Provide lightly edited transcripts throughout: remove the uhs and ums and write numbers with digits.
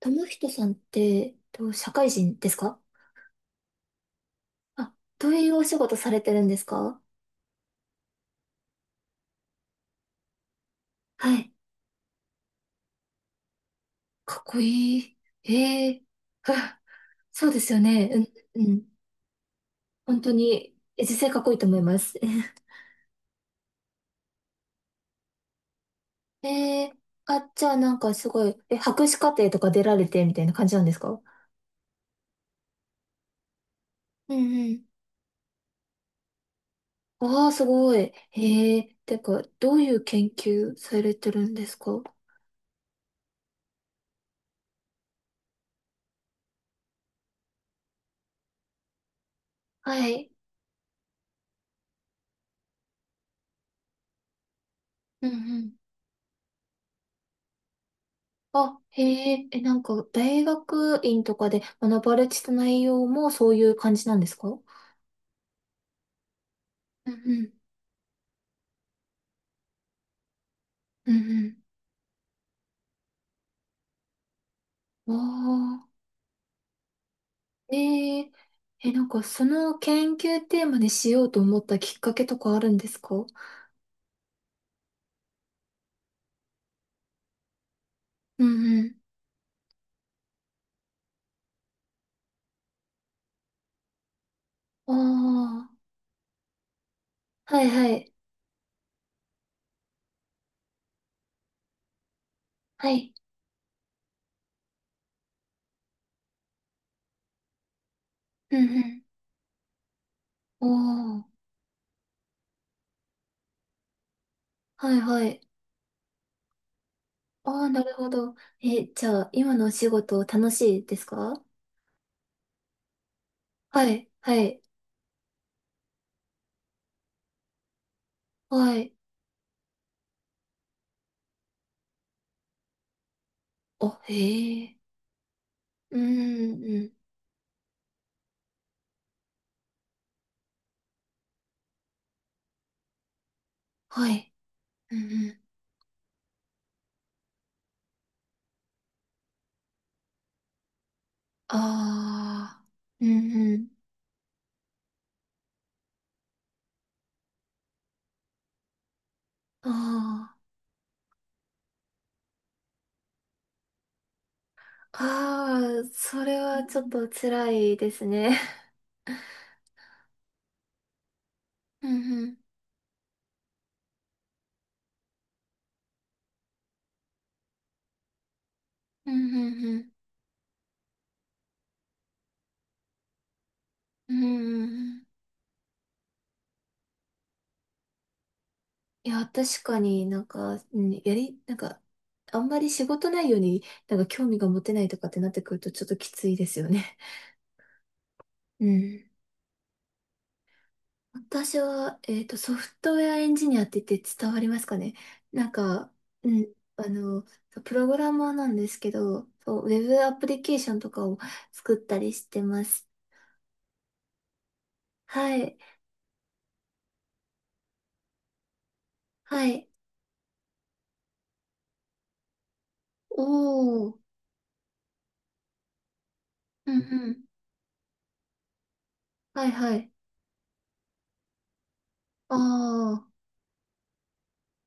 友人さんって、と社会人ですか？どういうお仕事されてるんですか？はい。かっこいい。ええ。はあ。そうですよね。うん、うん。本当に、実際かっこいいと思います。ええ。あ、じゃあなんかすごい、博士課程とか出られてみたいな感じなんですか？うんうん。ああ、すごい。てか、どういう研究されてるんですか？はい。うん。あ、へえ、なんか、大学院とかで学ばれてた内容もそういう感じなんですか？うんうん。うんうん。ああー、なんか、その研究テーマにしようと思ったきっかけとかあるんですか？うん。うん。ああー、はいはい、はい。うんうん。おー、はいはい。ああ、なるほど。じゃあ、今のお仕事楽しいですか？はい、はい、はい。あ、へえ。うーん、うん。はい。うんうん。ああ、うんうん。ああ、ああ、それはちょっと辛いですね。うんうん、うんうんうん、うんうんうん。いや、確かになんか、うん、なんか、あんまり仕事内容になんか興味が持てないとかってなってくるとちょっときついですよね。うん。私は、ソフトウェアエンジニアって言って伝わりますかね。なんか、うん、プログラマーなんですけど、そう、ウェブアプリケーションとかを作ったりしてます。はい、はい。おー、うんうん。はいはい。あ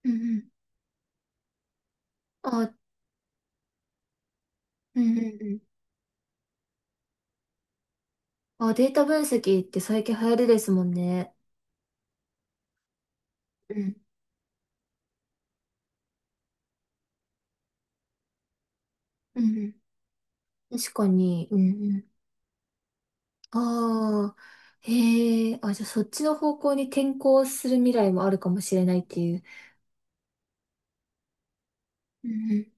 ー、うんうん。あ、うんうんうん。あ、データ分析って最近流行りですもんね。うん、うんうん。確かに、うん。ああ、へえ、あ、じゃあそっちの方向に転校する未来もあるかもしれないっていう。うんうん。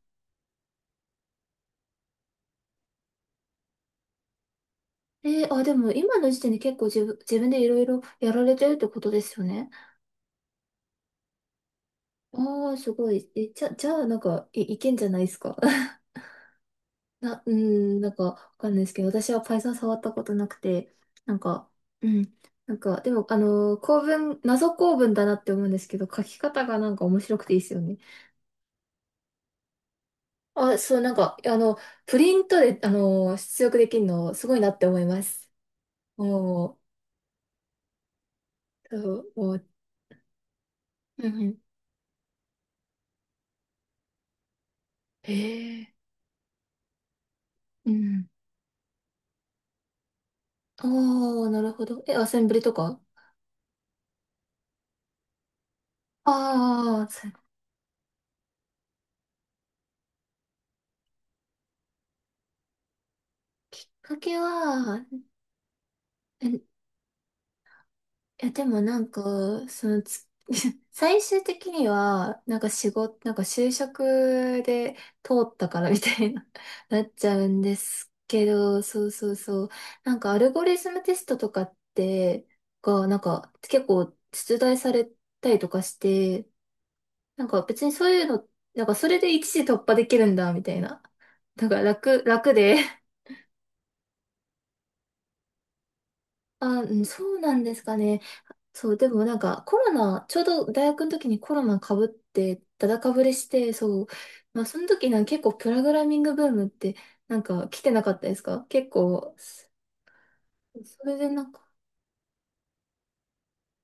あ、でも今の時点で結構自分でいろいろやられてるってことですよね。ああ、すごい。じゃあなんか、いけんじゃないですか。うん、なんか、わかんないですけど、私は Python 触ったことなくて、なんか、うん、なんか、でも、構文、謎構文だなって思うんですけど、書き方がなんか面白くていいですよね。あ、そう、なんか、プリントで、出力できるの、すごいなって思います。もう、そうもう、うんうん。へえ。うん。ああ、なるほど。アセンブリとか。ああー、そう、きっかけは、えいや、でもなんか、そのつ、最終的には、なんか仕事、なんか就職で通ったからみたいな、なっちゃうんですけど、そうそうそう。なんかアルゴリズムテストとかって、が、なんか結構出題されたりとかして、なんか別にそういうの、なんかそれで一時突破できるんだ、みたいな。なんか楽で、あ、うんそうなんですかね。そう、でもなんかコロナ、ちょうど大学の時にコロナかぶって、だだかぶれして、そう、まあその時なんか結構プログラミングブームってなんか来てなかったですか？結構、それでなんか、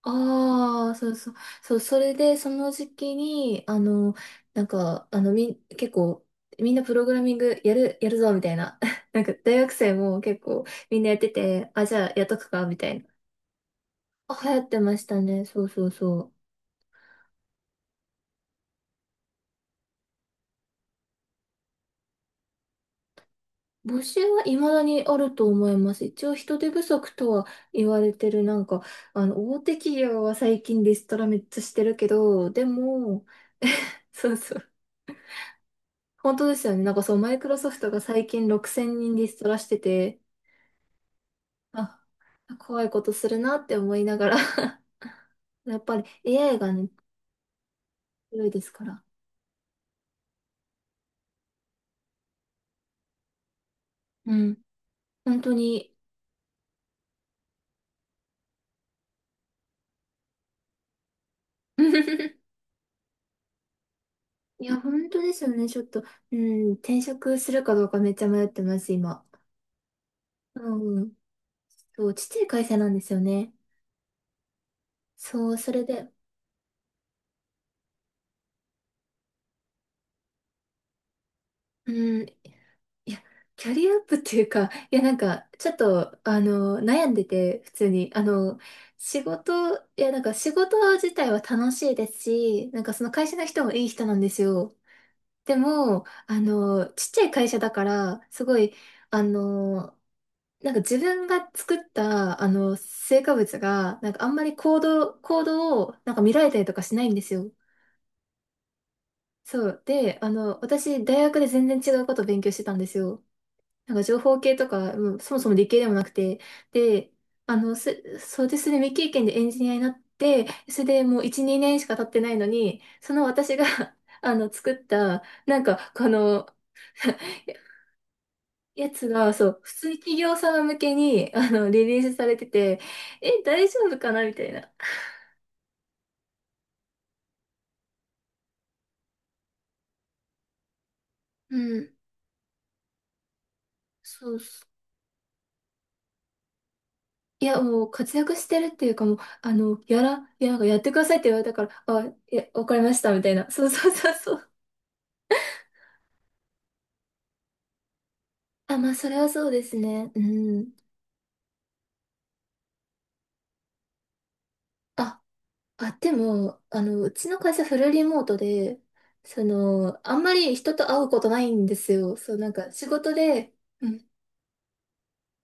ああ、そうそう、そう、それでその時期に、なんか、結構、みんなプログラミングやるぞ、みたいな。なんか大学生も結構みんなやってて、あ、じゃあやっとくか、みたいな。あ、流行ってましたね。そうそうそう。募集は未だにあると思います。一応人手不足とは言われてる、なんか、大手企業は最近リストラめっちゃしてるけど、でも、そうそう。本当ですよね。なんかそう、マイクロソフトが最近6000人リストラしてて、あ、怖いことするなって思いながら やっぱり AI がね、強いですから。うん。本当に。いや、本当ですよね。ちょっと、うん、転職するかどうかめっちゃ迷ってます、今。うん。そう、ちっちゃい会社なんですよね。そう、それで、うん、いや、キャリアアップっていうか、いや、なんか、ちょっと、悩んでて、普通に、いや、なんか、仕事自体は楽しいですし、なんか、その会社の人もいい人なんですよ。でも、ちっちゃい会社だから、すごい、あの、なんか自分が作ったあの成果物がなんかあんまり行動をなんか見られたりとかしないんですよ。そう。で、私、大学で全然違うことを勉強してたんですよ。なんか情報系とか、もうそもそも理系でもなくて。で、そうですね、未経験でエンジニアになって、それでもう1、2年しか経ってないのに、その私が あの、作った、なんか、この、やつが、そう、普通に企業様向けに、リリースされてて、大丈夫かなみたいな。うん。そういや、もう活躍してるっていうかもう、いや、なんかやってくださいって言われたから、あ、いや、わかりました、みたいな。そうそうそうそう。あ、まあ、それはそうですね。うん。あ、あ、でも、うちの会社フルリモートで、その、あんまり人と会うことないんですよ。そう、なんか仕事で、うん。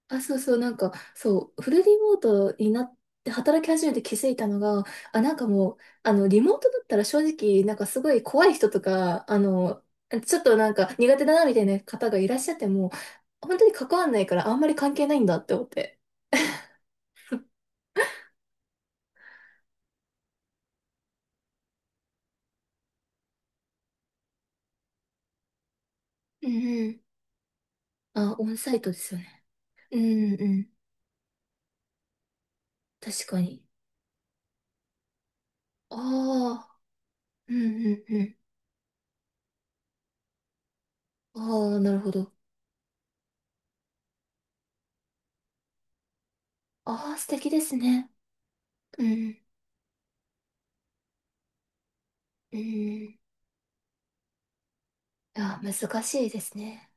あ、そうそう、なんか、そう、フルリモートになって働き始めて気づいたのが、あ、なんかもう、あの、リモートだったら正直、なんかすごい怖い人とか、ちょっとなんか苦手だなみたいな方がいらっしゃっても、本当に関わんないからあんまり関係ないんだって思って。うんうん。あ、オンサイトですよね。うんうん。確かに。ああ、うんうんうん。ああ、なるほど。ああ、素敵ですね。うん。うん。ああ、難しいですね。